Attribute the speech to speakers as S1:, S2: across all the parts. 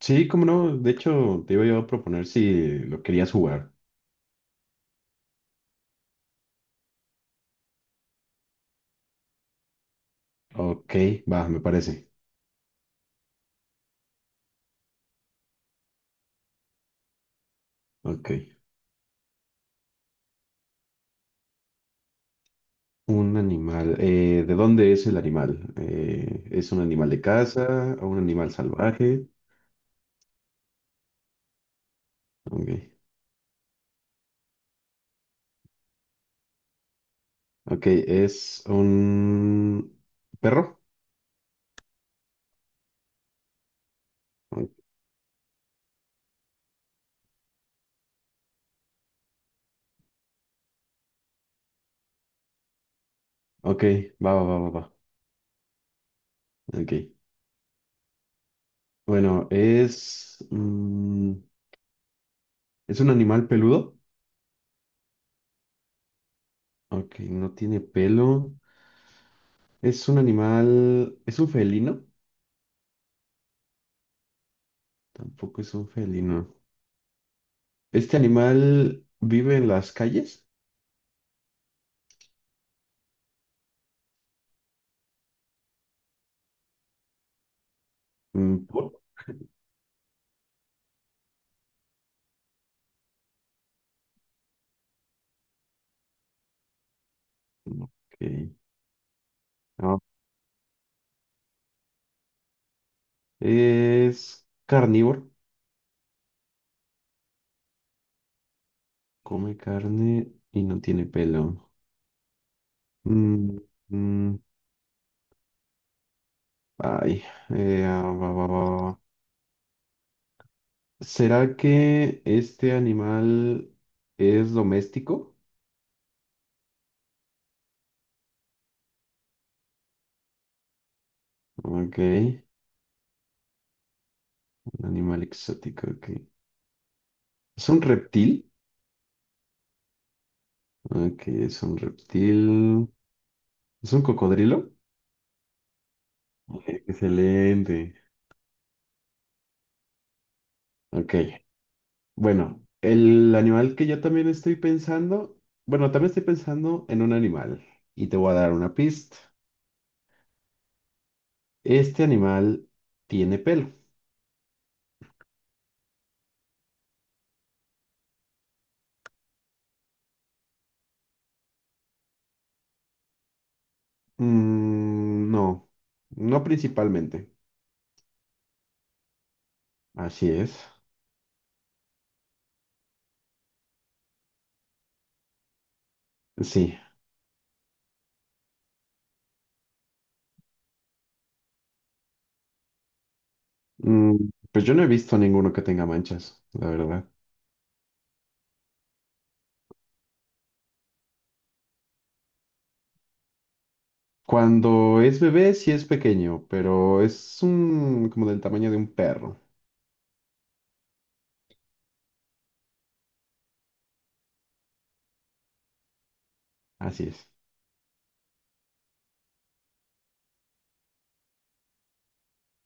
S1: Sí, cómo no. De hecho, te iba yo a proponer si lo querías jugar. Ok, va, me parece. Ok. Un animal. ¿De dónde es el animal? ¿Es un animal de casa o un animal salvaje? Ok. Ok, ¿es un perro? Ok, va, va, va, va, va. Ok. Bueno, ¿es un animal peludo? Ok, no tiene pelo. ¿Es un animal... ¿Es un felino? Tampoco es un felino. ¿Este animal vive en las calles? Mm, ¿por? Mm, ok. Ah, es carnívoro. Come carne y no tiene pelo. Mm, mm, ay. Va, va, va, va. ¿Será que este animal es doméstico? Ok. Un animal exótico. Ok. ¿Es un reptil? Ok, es un reptil. ¿Es un cocodrilo? Ok, excelente. Ok. Bueno, el animal que yo también estoy pensando, bueno, también estoy pensando en un animal y te voy a dar una pista. Este animal tiene pelo. No, no principalmente. Así es. Sí. Mm, pues yo no he visto ninguno que tenga manchas, la verdad. Cuando es bebé sí es pequeño, pero como del tamaño de un perro. Así es.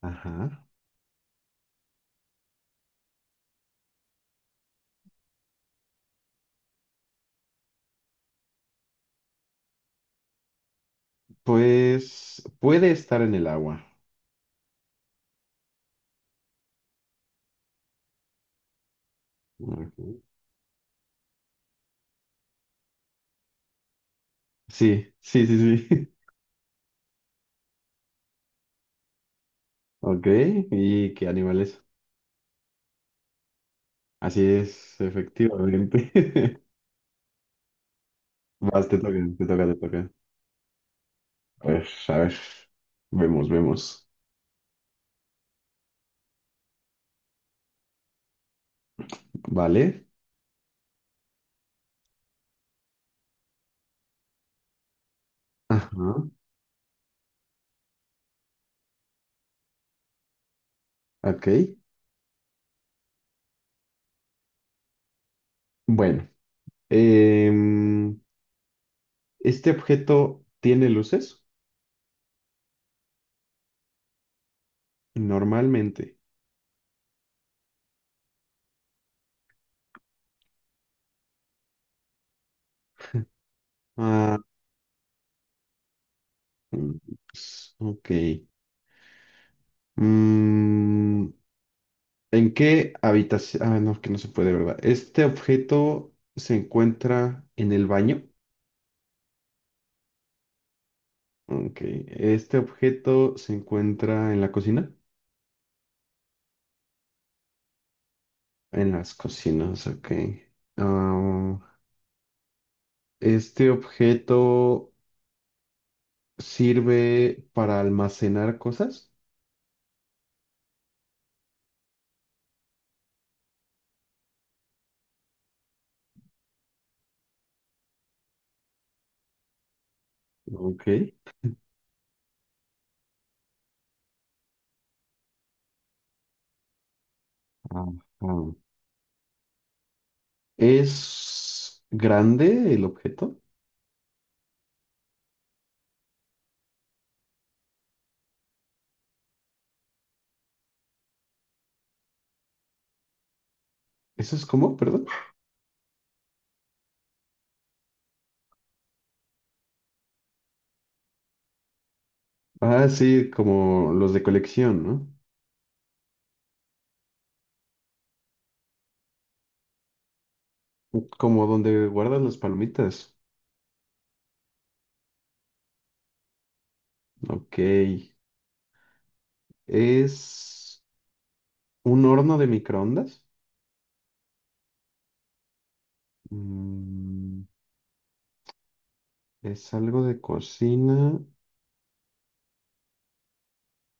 S1: Ajá. Pues puede estar en el agua. Ujú. Sí, sí, sí, sí. Ok, ¿y qué animal es? Así es, efectivamente. Vas, te toca, te toca, te toca. A ver, a ver. Vemos, vemos. Vale. Ajá, ok. Bueno, em, ¿este objeto tiene luces? Normalmente. Ah, mm, ok. Mm, ¿en qué habitación? Ah, no, que no se puede, ¿verdad? ¿Este objeto se encuentra en el baño? Ok, este objeto se encuentra en la cocina. En las cocinas, ok. Ah, este objeto sirve para almacenar cosas. Ok. Ajá. ¿Es grande el objeto? ¿Eso es como, perdón? Ah, sí, como los de colección, ¿no? Como donde guardas las palomitas. Ok. ¿Es un horno de microondas? Mm, Es algo de cocina.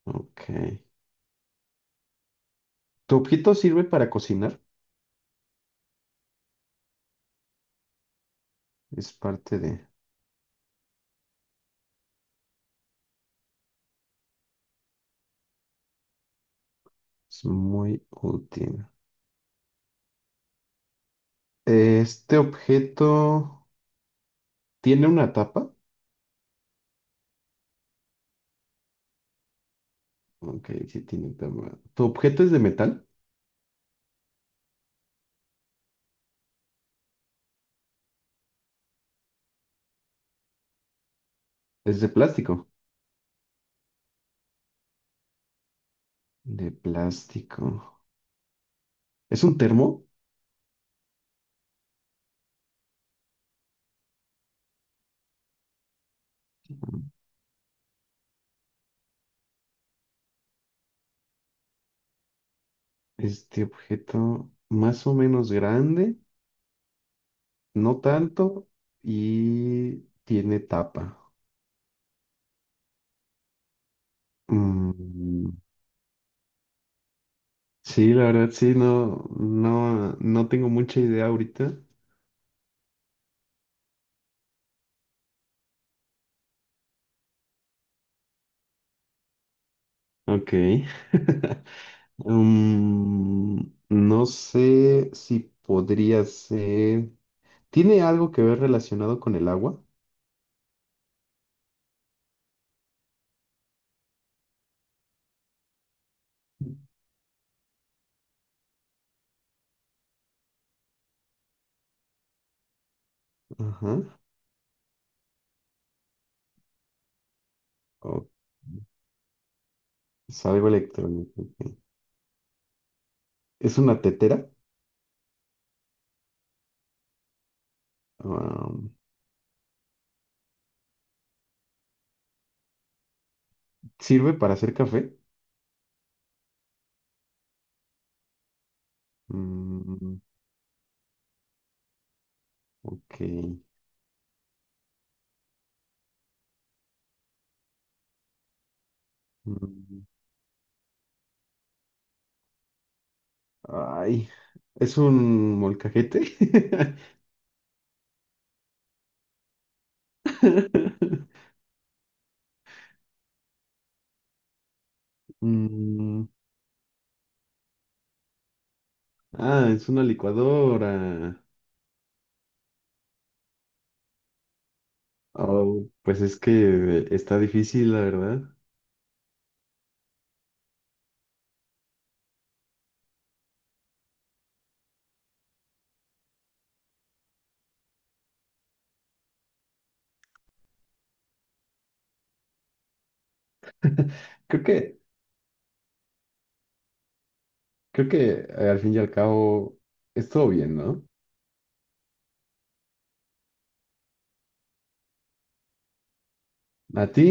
S1: Ok. ¿Tu objeto sirve para cocinar? Es parte de... Es muy útil. Este objeto tiene una tapa. Ok, sí tiene tapa. ¿Tu objeto es de metal? Es de plástico. De plástico. ¿Es un termo? Este objeto más o menos grande, no tanto, y tiene tapa. Mm, sí, la verdad sí, no, no, no tengo mucha idea ahorita. Ok. Mm, no sé si podría ser. ¿Tiene algo que ver relacionado con el agua? Ajá. O es algo electrónico. ¿Es una tetera? Am, ¿Sirve para hacer café? Mm, ok. Mm, ay, ¿Es un molcajete? Mm, ah, es una licuadora. Oh, pues es que está difícil, la verdad. Creo que, creo que al fin y al cabo es todo bien, ¿no? ¿A ti?